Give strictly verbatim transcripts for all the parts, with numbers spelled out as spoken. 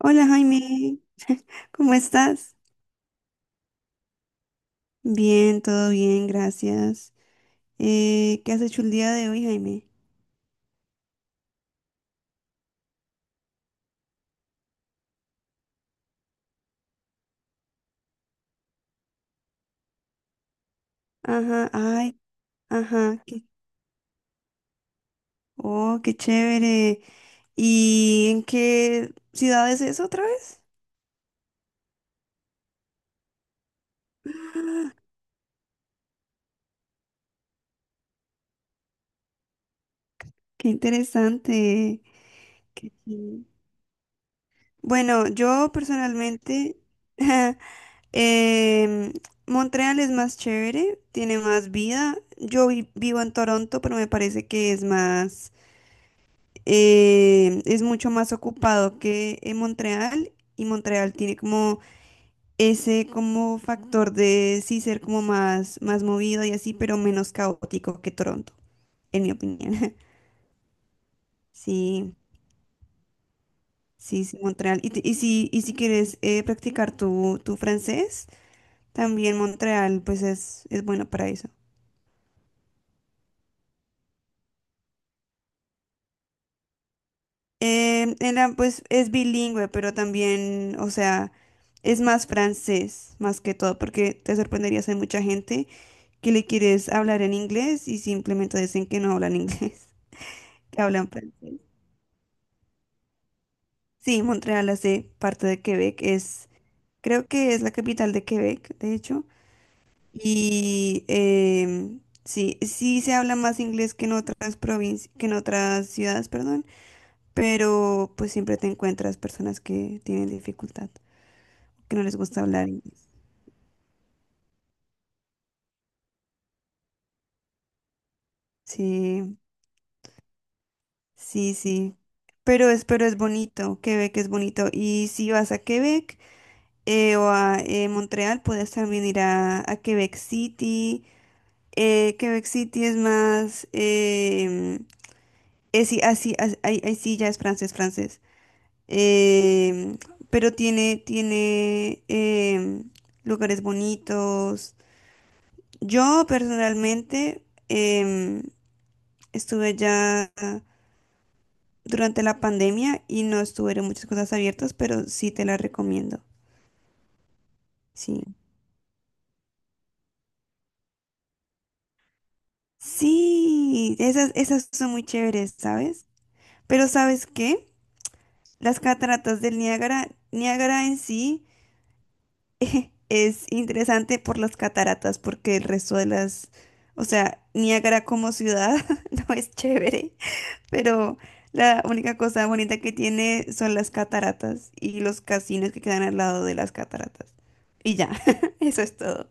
Hola Jaime, ¿cómo estás? Bien, todo bien, gracias. Eh, ¿qué has hecho el día de hoy, Jaime? Ajá, ay, ajá, qué- oh, qué chévere. ¿Y en qué ciudad es eso otra vez? Ah, qué interesante. Qué chévere. Bueno, yo personalmente, em, Montreal es más chévere, tiene más vida. Yo vi- vivo en Toronto, pero me parece que es más eh, es mucho más ocupado que en Montreal y Montreal tiene como ese como factor de sí ser como más, más movido y así, pero menos caótico que Toronto, en mi opinión. Sí, sí, sí, Montreal. Y, te- y si, y si quieres eh, practicar tu, tu francés, también Montreal pues es, es bueno para eso. Eh, en la- pues es bilingüe, pero también, o sea, es más francés más que todo, porque te sorprenderías, hay mucha gente que le quieres hablar en inglés y simplemente dicen que no hablan inglés, que hablan francés. Sí, Montreal hace parte de Quebec, es, creo que es la capital de Quebec, de hecho, y em, sí, sí se habla más inglés que en otras provincias, que en otras ciudades, perdón, pero pues siempre te encuentras personas que tienen dificultad, que no les gusta hablar inglés. Sí, sí, sí. Pero es, pero es bonito, Quebec es bonito. Y si vas a Quebec, eh, o a eh, Montreal, puedes también ir a, a Quebec City. Eh, Quebec City es más, em, es, sí, así, as- ahí, ahí sí ya es francés, francés. Em, pero tiene, tiene em, lugares bonitos. Yo personalmente em, estuve ya durante la pandemia y no estuvieron muchas cosas abiertas, pero sí te las recomiendo. Sí. Sí, esas, esas son muy chéveres, ¿sabes? Pero ¿sabes qué? Las cataratas del Niágara, Niágara en sí, eh, es interesante por las cataratas, porque el resto de las, o sea, Niágara como ciudad no es chévere, pero la única cosa bonita que tiene son las cataratas y los casinos que quedan al lado de las cataratas. Y ya, eso es todo.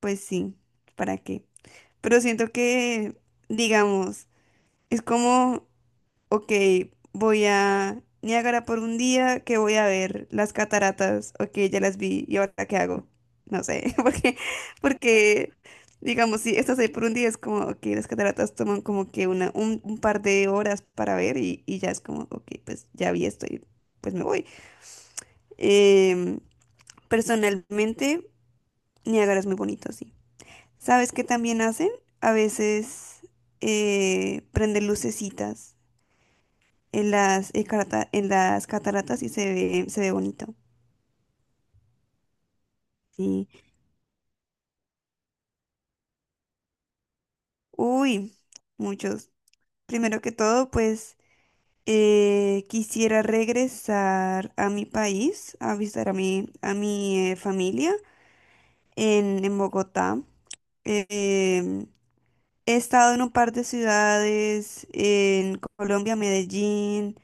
Pues sí, ¿para qué? Pero siento que, digamos, es como, ok, voy a Niágara por un día que voy a ver las cataratas. Ok, ya las vi. ¿Y ahora qué hago? No sé, porque, porque digamos, si estás ahí por un día es como, ok, las cataratas toman como que una, un, un par de horas para ver, y, y ya es como, ok, pues ya vi esto y pues me voy. Em, personalmente, Niágara es muy bonito, sí. ¿Sabes qué también hacen? A veces eh, prenden lucecitas en las, eh, carata- en las cataratas y se ve, se ve bonito. Sí. Uy, muchos. Primero que todo, pues eh, quisiera regresar a mi país, a visitar a mi, a mi eh, familia en, en Bogotá. Eh, em, he estado en un par de ciudades, en Colombia, Medellín,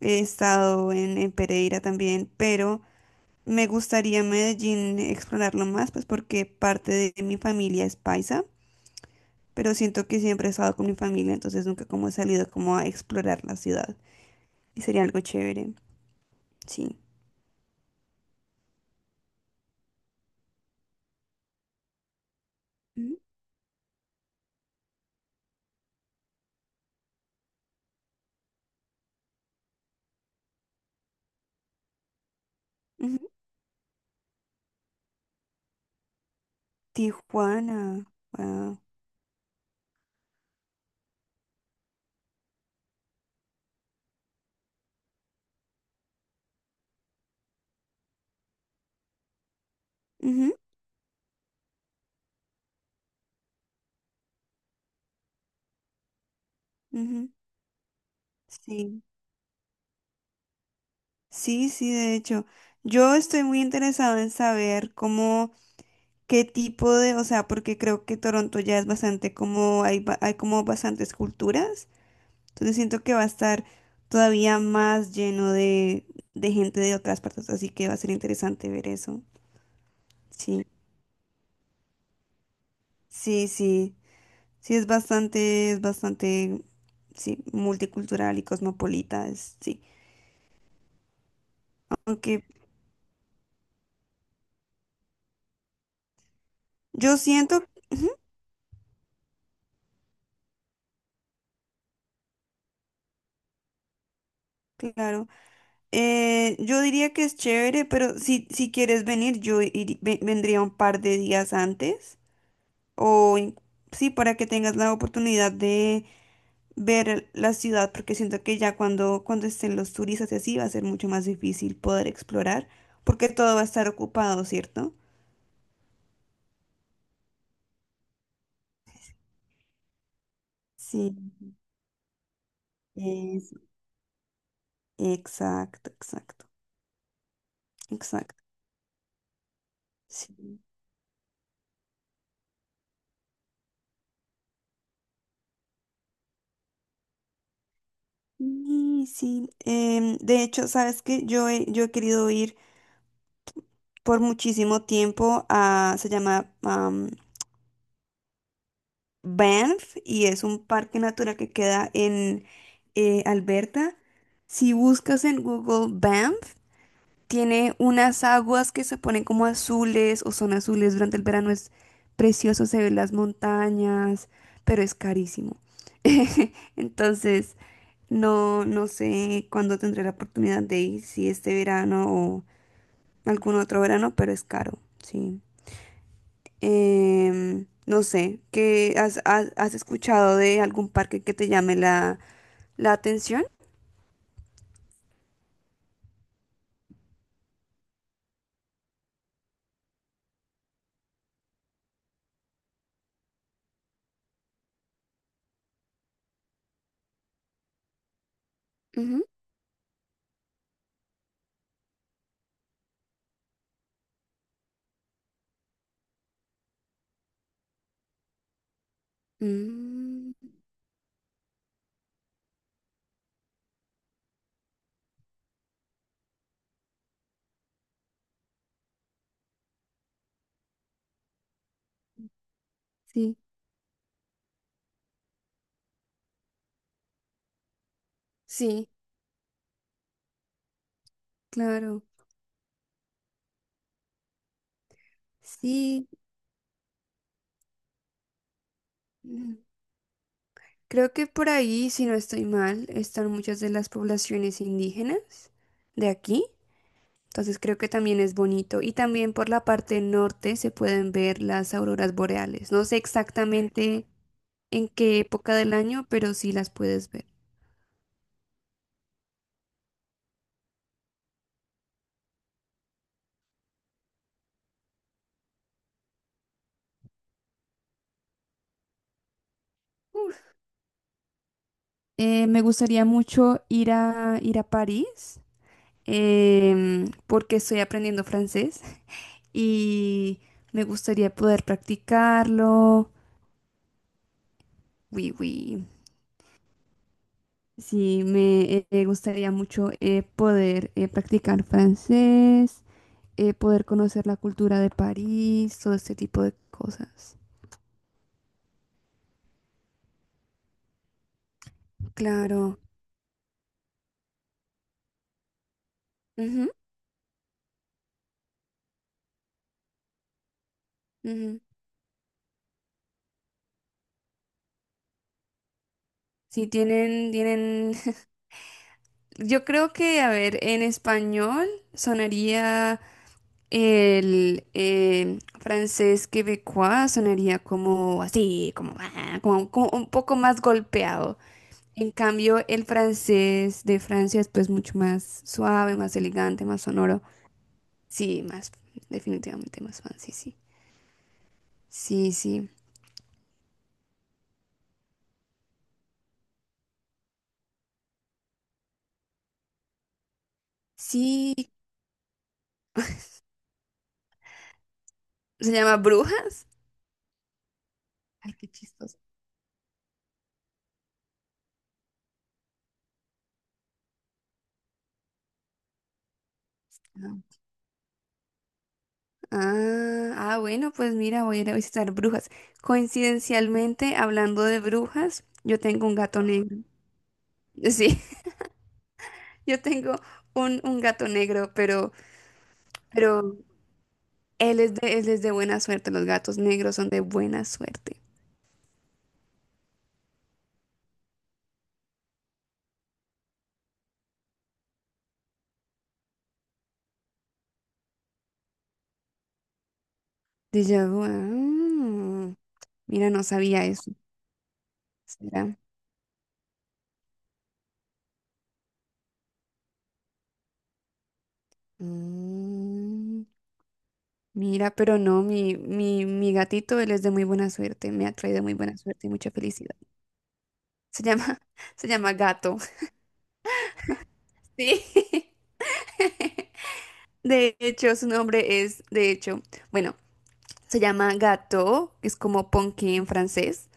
he estado en, en Pereira también, pero me gustaría Medellín explorarlo más, pues porque parte de mi familia es paisa, pero siento que siempre he estado con mi familia, entonces nunca como he salido como a explorar la ciudad. Y sería algo chévere, sí. Mm, ujú. Tijuana, wow. Ujú, ujú, sí, sí, sí, de hecho. Yo estoy muy interesado en saber cómo, qué tipo de, o sea, porque creo que Toronto ya es bastante como, hay, ba- hay como bastantes culturas. Entonces siento que va a estar todavía más lleno de, de gente de otras partes, así que va a ser interesante ver eso. Sí, sí, sí. Sí, es bastante, es bastante, sí, multicultural y cosmopolita, es- sí. Aunque yo siento, ujú, claro, Eh, yo diría que es chévere, pero si, si quieres venir, yo iri- ve- vendría un par de días antes, o in- sí, para que tengas la oportunidad ver la ciudad, porque siento que ya cuando, cuando estén los turistas y así va a ser mucho más difícil poder explorar, porque todo va a estar ocupado, ¿cierto? Sí, es, exacto, exacto, exacto. Sí, y sí. Em, de hecho, sabes que yo he, yo he querido ir por muchísimo tiempo a, se llama am, Banff, y es un parque natural que queda en eh, Alberta. Si buscas en Google Banff, tiene unas aguas que se ponen como azules o son azules durante el verano. Es precioso, se ven las montañas, pero es carísimo. Entonces, no, no sé cuándo tendré la oportunidad de ir, si este verano o algún otro verano, pero es caro, sí. Em, no sé, ¿qué has, has- has escuchado de algún parque que te llame la, la atención? Ujú. Mm, sí, sí, claro. Sí. Creo que por ahí, si no estoy mal, están muchas de las poblaciones indígenas de aquí. Entonces creo que también es bonito. Y también por la parte norte se pueden ver las auroras boreales. No sé exactamente en qué época del año, pero sí las puedes ver. Uf. Eh, me gustaría mucho ir a, ir a París, em, porque estoy aprendiendo francés y me gustaría poder practicarlo. Oui, oui. Sí, me eh, gustaría mucho eh, poder eh, practicar francés, eh, poder conocer la cultura de París, todo este tipo de cosas. Claro. Ujú, ujú. Sí, tienen, tienen. Yo creo que, a ver, en español sonaría el eh, francés quebecois, sonaría como así, como, ah, como, como un poco más golpeado. En cambio, el francés de Francia es pues mucho más suave, más elegante, más sonoro. Sí, más, definitivamente más fancy, sí. Sí, sí. Sí, sí, se llama Brujas. Ay, qué chistoso. Ah, ah, ah, bueno, pues mira, voy a ir a visitar Brujas. Coincidencialmente, hablando de brujas, yo tengo un gato negro. Sí, yo tengo un, un gato negro, pero, pero él es de, él es de buena suerte. Los gatos negros son de buena suerte. Déjà vu. Ah, mira, no sabía eso. ¿Será? Mm, mira, pero no, mi, mi, mi gatito, él es de muy buena suerte, me ha traído muy buena suerte y mucha felicidad. Se llama, se llama Gato. Sí. De hecho, su nombre es, de hecho, bueno, se llama Gato, es como Ponky en francés,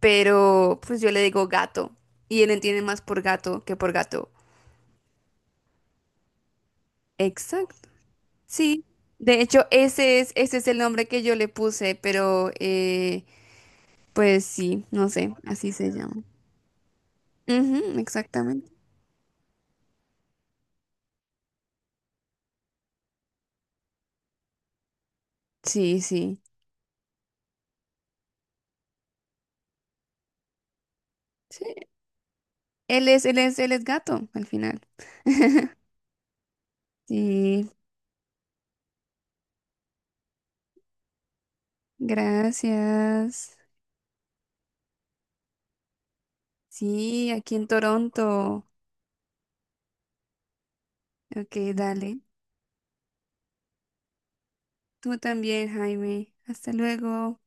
pero pues yo le digo gato y él entiende más por gato que por gato. Sí, de hecho ese es, ese es el nombre que yo le puse, pero eh, pues sí, no sé, así se llama. Ujú, exactamente. Sí, sí. Sí, él es, él es, él es gato al final. Sí, gracias. Sí, aquí en Toronto. Ok, dale. Tú también, Jaime. Hasta luego.